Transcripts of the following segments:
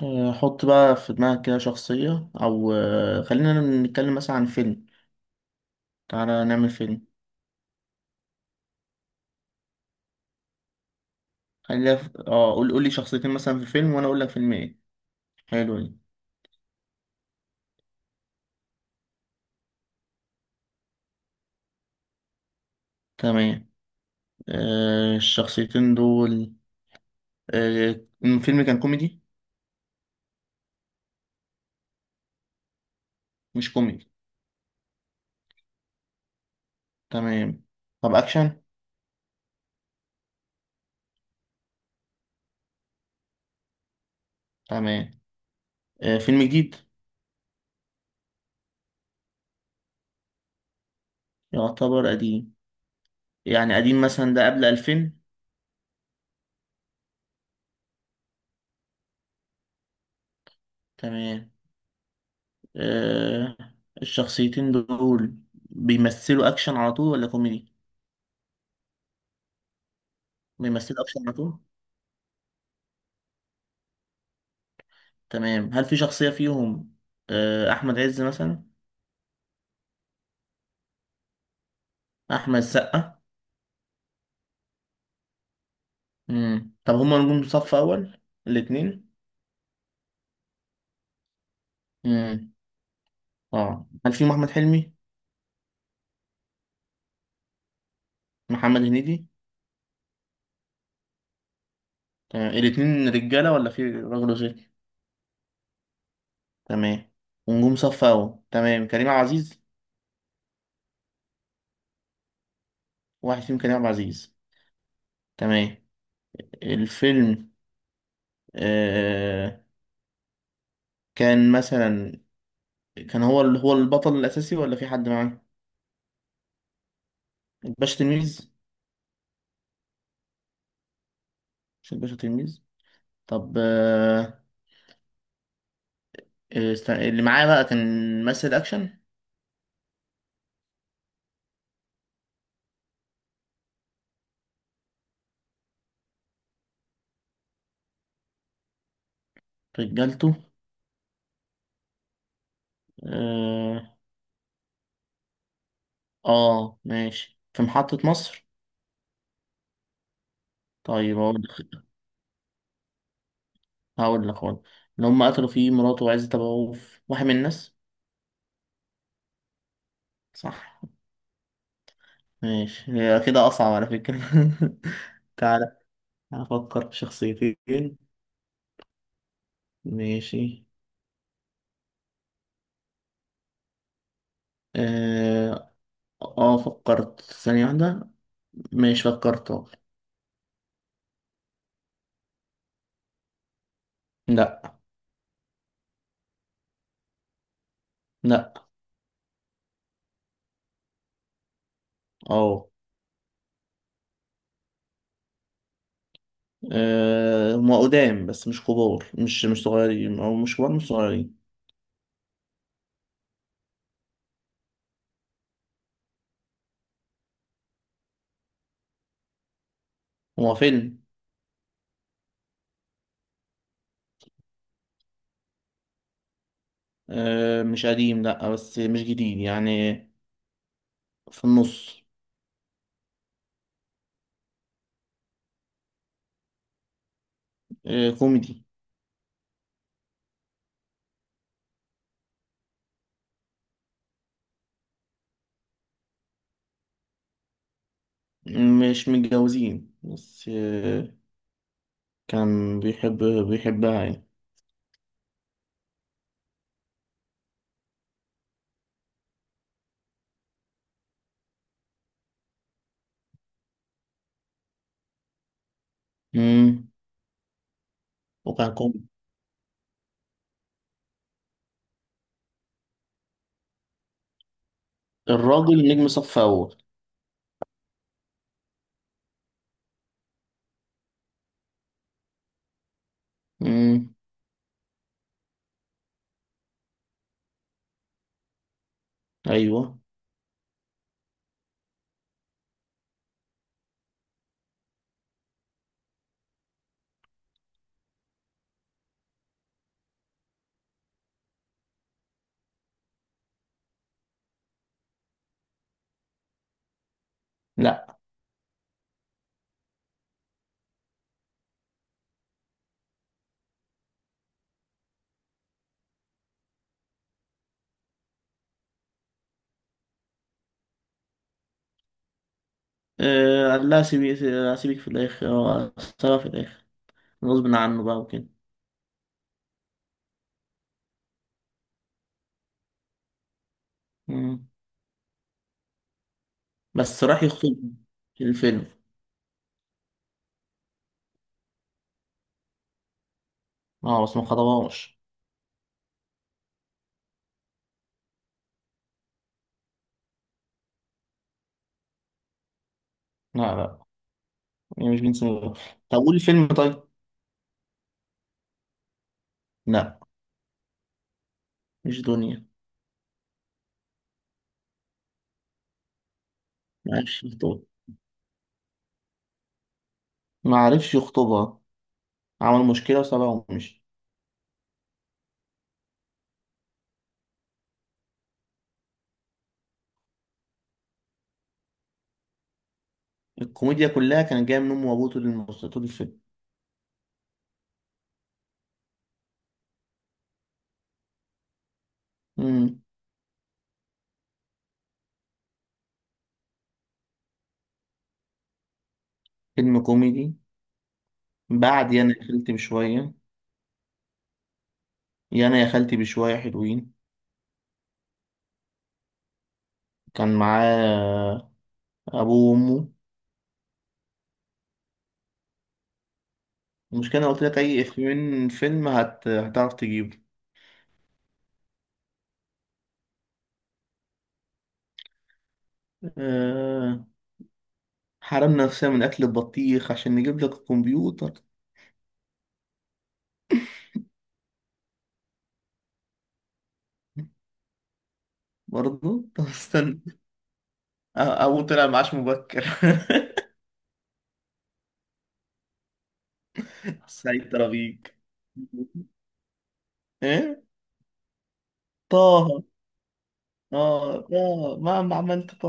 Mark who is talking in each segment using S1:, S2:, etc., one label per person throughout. S1: آه، حط بقى في دماغك كده شخصية أو خلينا نتكلم مثلا عن فيلم. تعالى نعمل فيلم. خلينا قول لي شخصيتين مثلا في فيلم وأنا أقول لك فيلم إيه. حلو دي. تمام. آه، الشخصيتين دول. آه، الفيلم كان كوميدي. مش كوميدي. تمام. طب أكشن. تمام. آه، فيلم جديد. يعتبر قديم. يعني قديم مثلا ده قبل 2000. تمام. آه، الشخصيتين دول بيمثلوا أكشن على طول ولا كوميدي؟ بيمثلوا أكشن على طول. تمام، هل في شخصية فيهم؟ آه، أحمد عز مثلا. أحمد السقا. مم. طب هما نجوم صف أول الاتنين؟ مم. اه هل فيهم أحمد حلمي؟ محمد هنيدي. تمام، الاتنين رجالة ولا في راجل وست؟ تمام، ونجوم صف أول، تمام كريم عبد العزيز. واحد فيهم كريم عبد العزيز. تمام. الفيلم آه كان مثلا، كان هو اللي هو البطل الأساسي ولا في حد معاه؟ الباشا تلميذ. مش الباشا تلميذ. طب آه، آه، است- اللي معايا بقى كان ممثل اكشن. رجالته اه. آه، ماشي، في محطة مصر. طيب هقول لك. هقول لك. اللي هم قتلوا فيه مراته وعزت ابو عوف واحد من الناس. صح. ماشي، هي كده اصعب على فكرة. تعالى افكر في شخصيتين. ماشي، اه. آه، فكرت ثانية واحدة. ماشي، فكرت أهو. لا، لا، اه. آه، هما قدام بس مش كبار، مش صغيرين او مش كبار مش صغيرين. هو فيلم. آه، مش قديم لا بس مش جديد يعني، في النص. آه، كوميدي. مش متجوزين بس آه، كان بيحب، بيحبها يعني. مم. وكان كوميدي. الراجل نجم صف اول. مم. ايوه. لا. آه، قال لها سيبي، سيبك في الاخر، آه، سيبها في الاخر غصب عنه بقى وكده. مم. بس راح يخطب في الفيلم. اه بس ما خطبهاش. لا، لا، هي مش بنت سنوب. طب قول فيلم طيب. لا مش دنيا. ما عرفش يخطبها، ما عرفش يخطبها. عمل مشكلة وسابها ومشي. الكوميديا كلها كانت جاية من أمه وأبوه طول طول الفيلم. مم. فيلم كوميدي. بعد يانا يا خالتي بشوية. يانا يا خالتي بشوية حلوين. كان معاه أبوه وأمه. المشكلة أنا قلت لك أي إفيه من فيلم هتعرف تجيبه. أه... حرمنا نفسنا من أكل البطيخ عشان نجيب لك الكمبيوتر. برضه طب استنى. أبوه طلع معاش مبكر. سعيد ترابيج. إيه؟ طه. آه طه مهما عملت طه.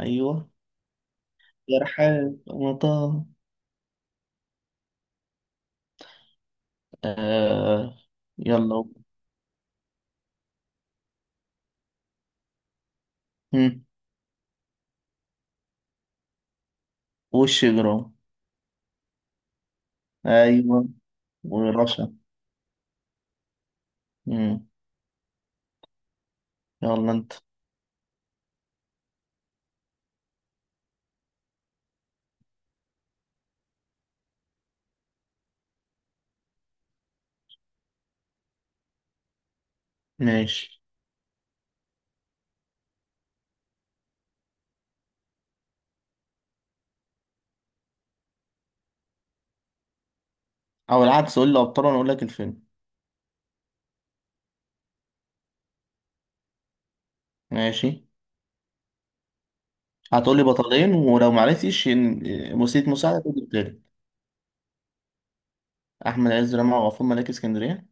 S1: أيوه. يا رحاب أنا طه، آه. يلا. هم. وش إجرام. أيوه، ورشا. هم. يلا أنت. ماشي، أو العكس قول لي أبطال وأنا أقول لك الفيلم. ماشي. هتقول لي بطلين ولو معرفتش إن-. مسيت مساعدة تقول لي التالت. أحمد عز رمى وغفور ملاك اسكندرية.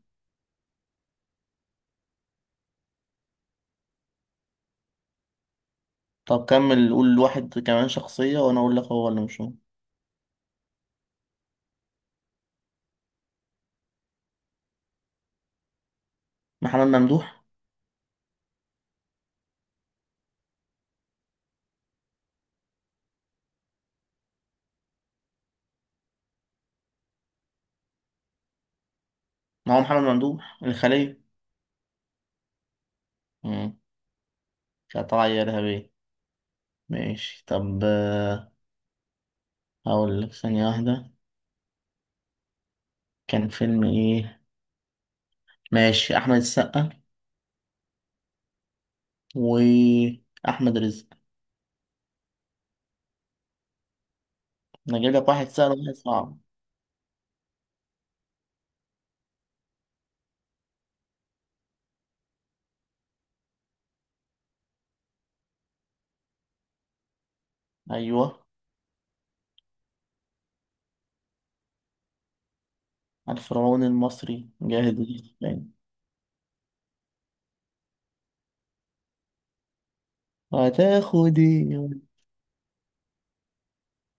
S1: طب كمل قول واحد كمان شخصية وأنا أقول لك هو ولا مش هو. محمد ممدوح. ما هو محمد ممدوح الخلية. مم. كانت طالعة إرهابية. ماشي طب آه، هقول لك ثانية واحدة كان فيلم إيه. ماشي. أحمد السقا وأحمد رزق. أنا أجيب لك واحد سهل وواحد صعب. أيوه. الفرعون المصري جاهد الإسلام. هتاخد إيه.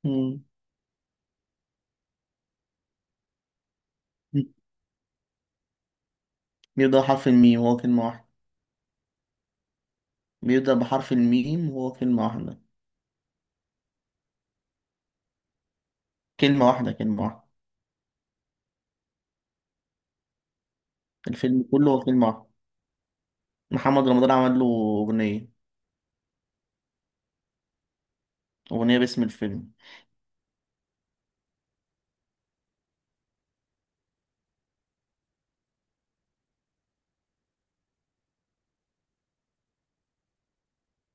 S1: مم. بيبدأ بحرف الميم وهو كلمة واحدة. بيبدأ بحرف الميم وهو كلمة واحدة. كلمة واحدة كلمة واحدة. الفيلم كله هو فيلم واحد. محمد رمضان عمل له أغنية، أغنية باسم الفيلم.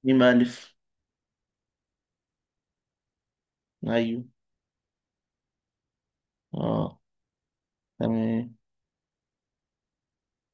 S1: مين مؤلف. أيوه، آه، تمام.